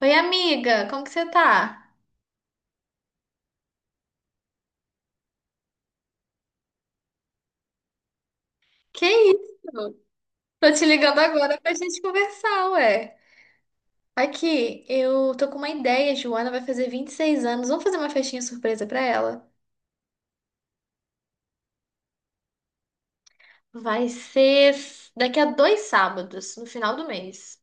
Oi, amiga, como que você tá? Que isso? Tô te ligando agora pra gente conversar, ué. Aqui, eu tô com uma ideia. Joana vai fazer 26 anos. Vamos fazer uma festinha surpresa pra ela? Daqui a dois sábados, no final do mês.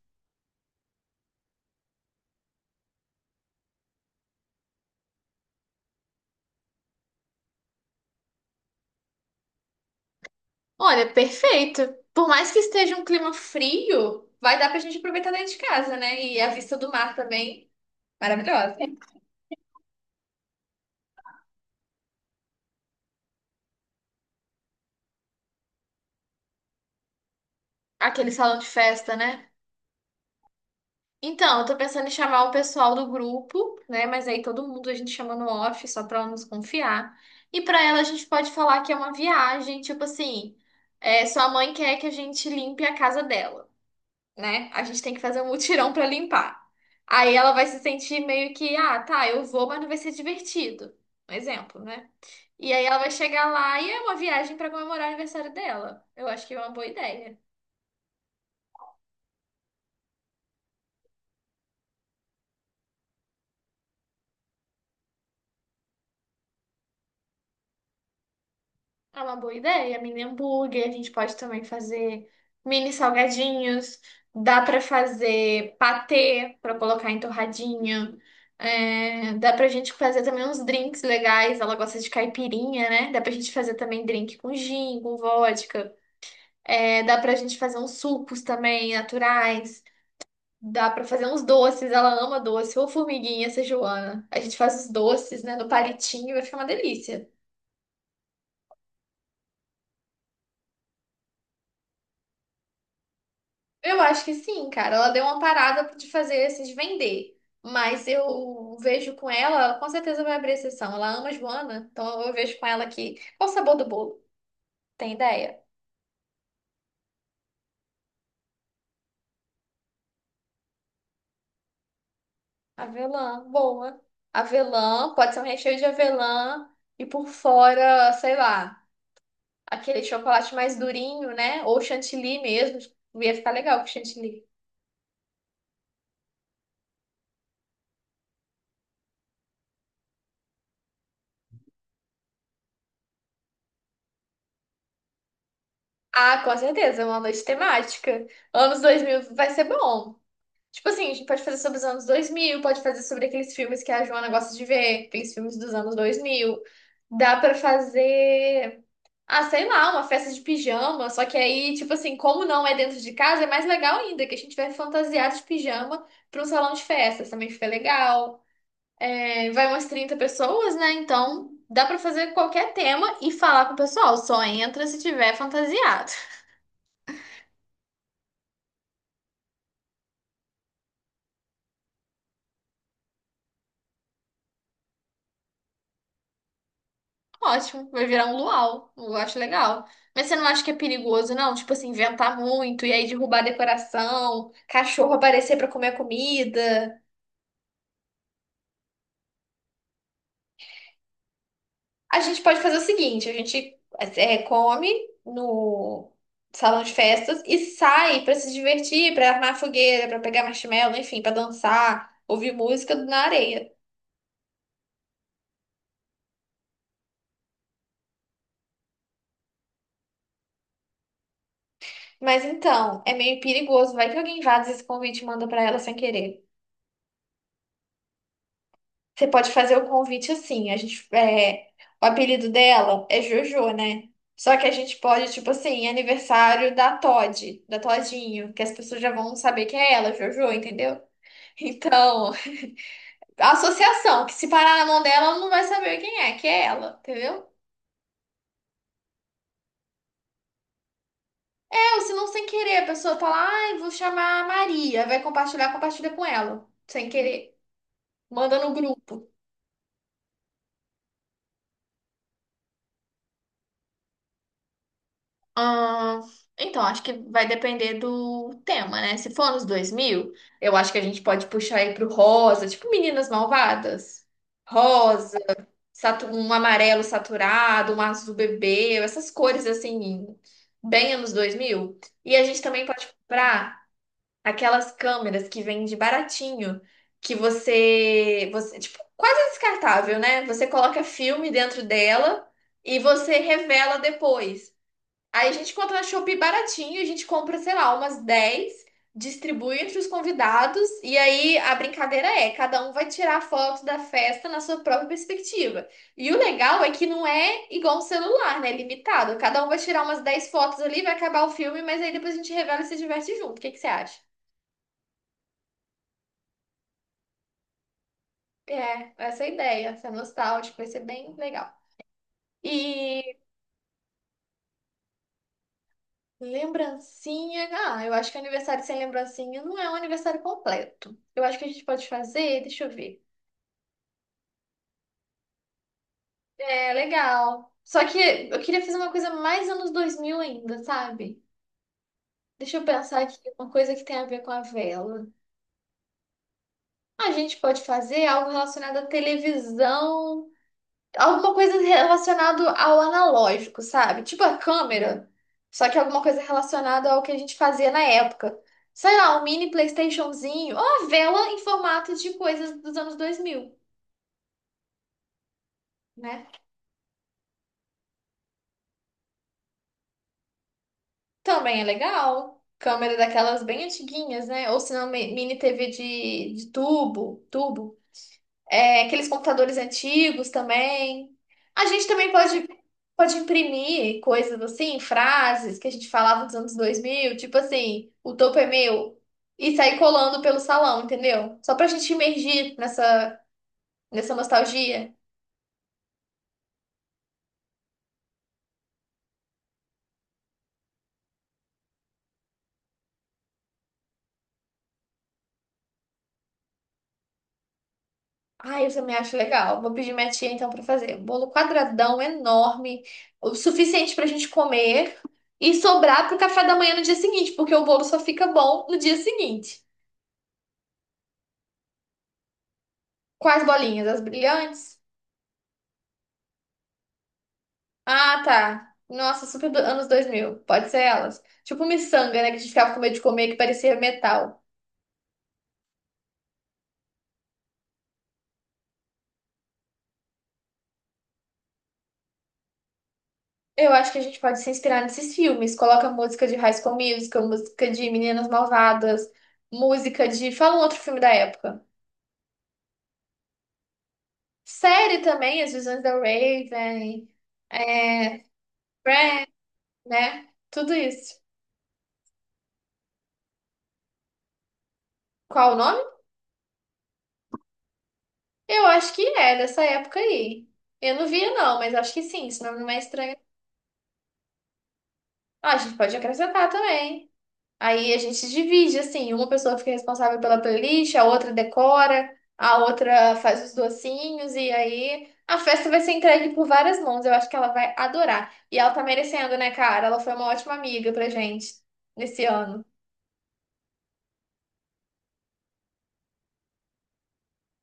Olha, perfeito. Por mais que esteja um clima frio, vai dar pra gente aproveitar dentro de casa, né? E a vista do mar também, maravilhosa. Aquele salão de festa, né? Então, eu tô pensando em chamar o pessoal do grupo, né? Mas aí todo mundo a gente chama no off, só pra ela nos confiar. E pra ela a gente pode falar que é uma viagem, tipo assim, sua mãe quer que a gente limpe a casa dela, né? A gente tem que fazer um mutirão pra limpar. Aí ela vai se sentir meio que, ah, tá, eu vou, mas não vai ser divertido. Um exemplo, né? E aí ela vai chegar lá e é uma viagem pra comemorar o aniversário dela. Eu acho que é uma boa ideia. É uma boa ideia, mini hambúrguer. A gente pode também fazer mini salgadinhos. Dá pra fazer patê pra colocar em torradinha. É, dá pra gente fazer também uns drinks legais. Ela gosta de caipirinha, né? Dá pra gente fazer também drink com gin, com vodka. É, dá pra gente fazer uns sucos também naturais. Dá pra fazer uns doces. Ela ama doce. Ou formiguinha, essa Joana. A gente faz os doces, né, no palitinho. Vai ficar uma delícia. Eu acho que sim, cara. Ela deu uma parada de fazer esses vender. Mas eu vejo com ela, ela com certeza vai abrir exceção. Ela ama Joana, então eu vejo com ela que. Qual o sabor do bolo? Tem ideia? Avelã, boa. Avelã, pode ser um recheio de avelã e por fora, sei lá, aquele chocolate mais durinho, né? Ou chantilly mesmo. Ia ficar legal com chantilly. Ah, com certeza, é uma noite temática. Anos 2000 vai ser bom. Tipo assim, a gente pode fazer sobre os anos dois mil, pode fazer sobre aqueles filmes que a Joana gosta de ver, aqueles filmes dos anos dois mil. Dá pra fazer, ah, sei lá, uma festa de pijama, só que aí, tipo assim, como não é dentro de casa, é mais legal ainda, que a gente vai fantasiado de pijama pra um salão de festas, também fica legal. É, vai umas 30 pessoas, né? Então, dá pra fazer qualquer tema e falar com o pessoal, só entra se tiver fantasiado. Ótimo, vai virar um luau. Eu acho legal. Mas você não acha que é perigoso, não? Tipo assim, inventar muito e aí derrubar a decoração, cachorro aparecer pra comer a comida. A gente pode fazer o seguinte: a gente, come no salão de festas e sai pra se divertir, pra armar fogueira, pra pegar marshmallow, enfim, pra dançar, ouvir música na areia. Mas então, é meio perigoso. Vai que alguém vaza esse convite e manda pra ela sem querer. Você pode fazer o convite assim. A gente, o apelido dela é Jojo, né? Só que a gente pode, tipo assim, aniversário da Todd, da Todinho, que as pessoas já vão saber quem é ela, Jojo, entendeu? Então, a associação, que se parar na mão dela, ela não vai saber quem é, que é ela, entendeu? É, ou se não sem querer, a pessoa fala, ai, vou chamar a Maria, vai compartilhar, compartilha com ela, sem querer, manda no grupo. Ah, então, acho que vai depender do tema, né? Se for nos dois mil, eu acho que a gente pode puxar aí pro rosa, tipo Meninas Malvadas. Rosa, um amarelo saturado, um azul bebê, essas cores assim, bem anos dois mil. E a gente também pode comprar aquelas câmeras que vende baratinho, que tipo, quase descartável, né? Você coloca filme dentro dela e você revela depois. Aí a gente encontra na Shopee baratinho, a gente compra, sei lá, umas 10, distribui entre os convidados, e aí a brincadeira é, cada um vai tirar a foto da festa na sua própria perspectiva. E o legal é que não é igual um celular, né? É limitado. Cada um vai tirar umas 10 fotos ali, vai acabar o filme, mas aí depois a gente revela e se diverte junto. O que que você acha? É, essa é a ideia, essa é nostálgica, vai ser bem legal. E lembrancinha. Ah, eu acho que aniversário sem lembrancinha não é um aniversário completo. Eu acho que a gente pode fazer, deixa eu ver. É, legal. Só que eu queria fazer uma coisa mais anos 2000 ainda, sabe? Deixa eu pensar aqui, uma coisa que tem a ver com a vela. A gente pode fazer algo relacionado à televisão, alguma coisa relacionada ao analógico, sabe? Tipo a câmera, só que alguma coisa relacionada ao que a gente fazia na época. Sei lá, um mini PlayStationzinho, ou uma vela em formato de coisas dos anos dois mil, né? Também é legal. Câmera daquelas bem antiguinhas, né? Ou se não, mini TV de tubo, tubo. É, aqueles computadores antigos também. A gente também pode, pode imprimir coisas assim, frases que a gente falava dos anos dois mil, tipo assim, o topo é meu, e sair colando pelo salão, entendeu? Só pra gente imergir nessa nostalgia. Ai, eu também acho legal. Vou pedir minha tia então pra fazer um bolo quadradão enorme, o suficiente pra gente comer e sobrar pro café da manhã no dia seguinte, porque o bolo só fica bom no dia seguinte. Quais bolinhas? As brilhantes? Ah, tá. Nossa, super anos dois mil. Pode ser elas. Tipo miçanga, né? Que a gente ficava com medo de comer, que parecia metal. Eu acho que a gente pode se inspirar nesses filmes. Coloca música de High School Musical, música de Meninas Malvadas, música de... Fala um outro filme da época. Série também, As Visões da Raven, é... Friends, né? Tudo isso. Qual o nome? Eu acho que é dessa época aí. Eu não via, não, mas acho que sim. Esse nome não é estranho. Ah, a gente pode acrescentar também. Aí a gente divide, assim, uma pessoa fica responsável pela playlist, a outra decora, a outra faz os docinhos, e aí a festa vai ser entregue por várias mãos. Eu acho que ela vai adorar. E ela tá merecendo, né, cara? Ela foi uma ótima amiga pra gente nesse ano.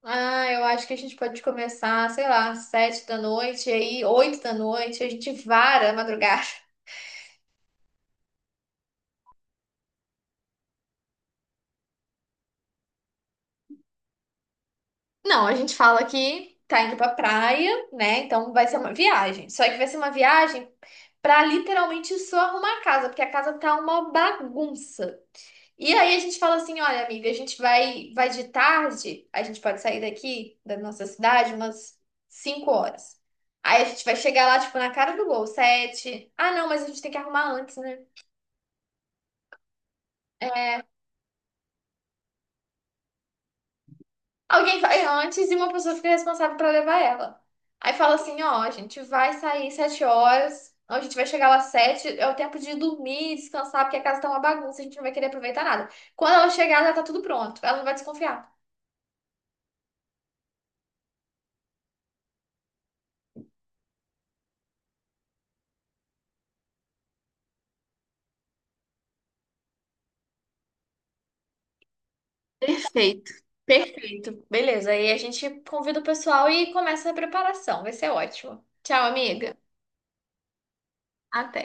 Ah, eu acho que a gente pode começar, sei lá, 7 da noite, e aí 8 da noite, a gente vara a madrugada. Não, a gente fala que tá indo pra praia, né? Então vai ser uma viagem. Só que vai ser uma viagem. Pra literalmente só arrumar a casa, porque a casa tá uma bagunça. E aí a gente fala assim, olha, amiga, a gente vai de tarde, a gente pode sair daqui da nossa cidade umas 5 horas. Aí a gente vai chegar lá, tipo, na cara do gol, sete. Ah, não, mas a gente tem que arrumar antes, né? Alguém vai antes e uma pessoa fica responsável pra levar ela. Aí fala assim, ó, a gente vai sair 7 horas, a gente vai chegar lá sete, é o tempo de dormir, descansar, porque a casa tá uma bagunça, a gente não vai querer aproveitar nada. Quando ela chegar, já tá tudo pronto, ela não vai desconfiar. Perfeito, perfeito. Beleza, aí a gente convida o pessoal e começa a preparação, vai ser ótimo. Tchau, amiga. Até.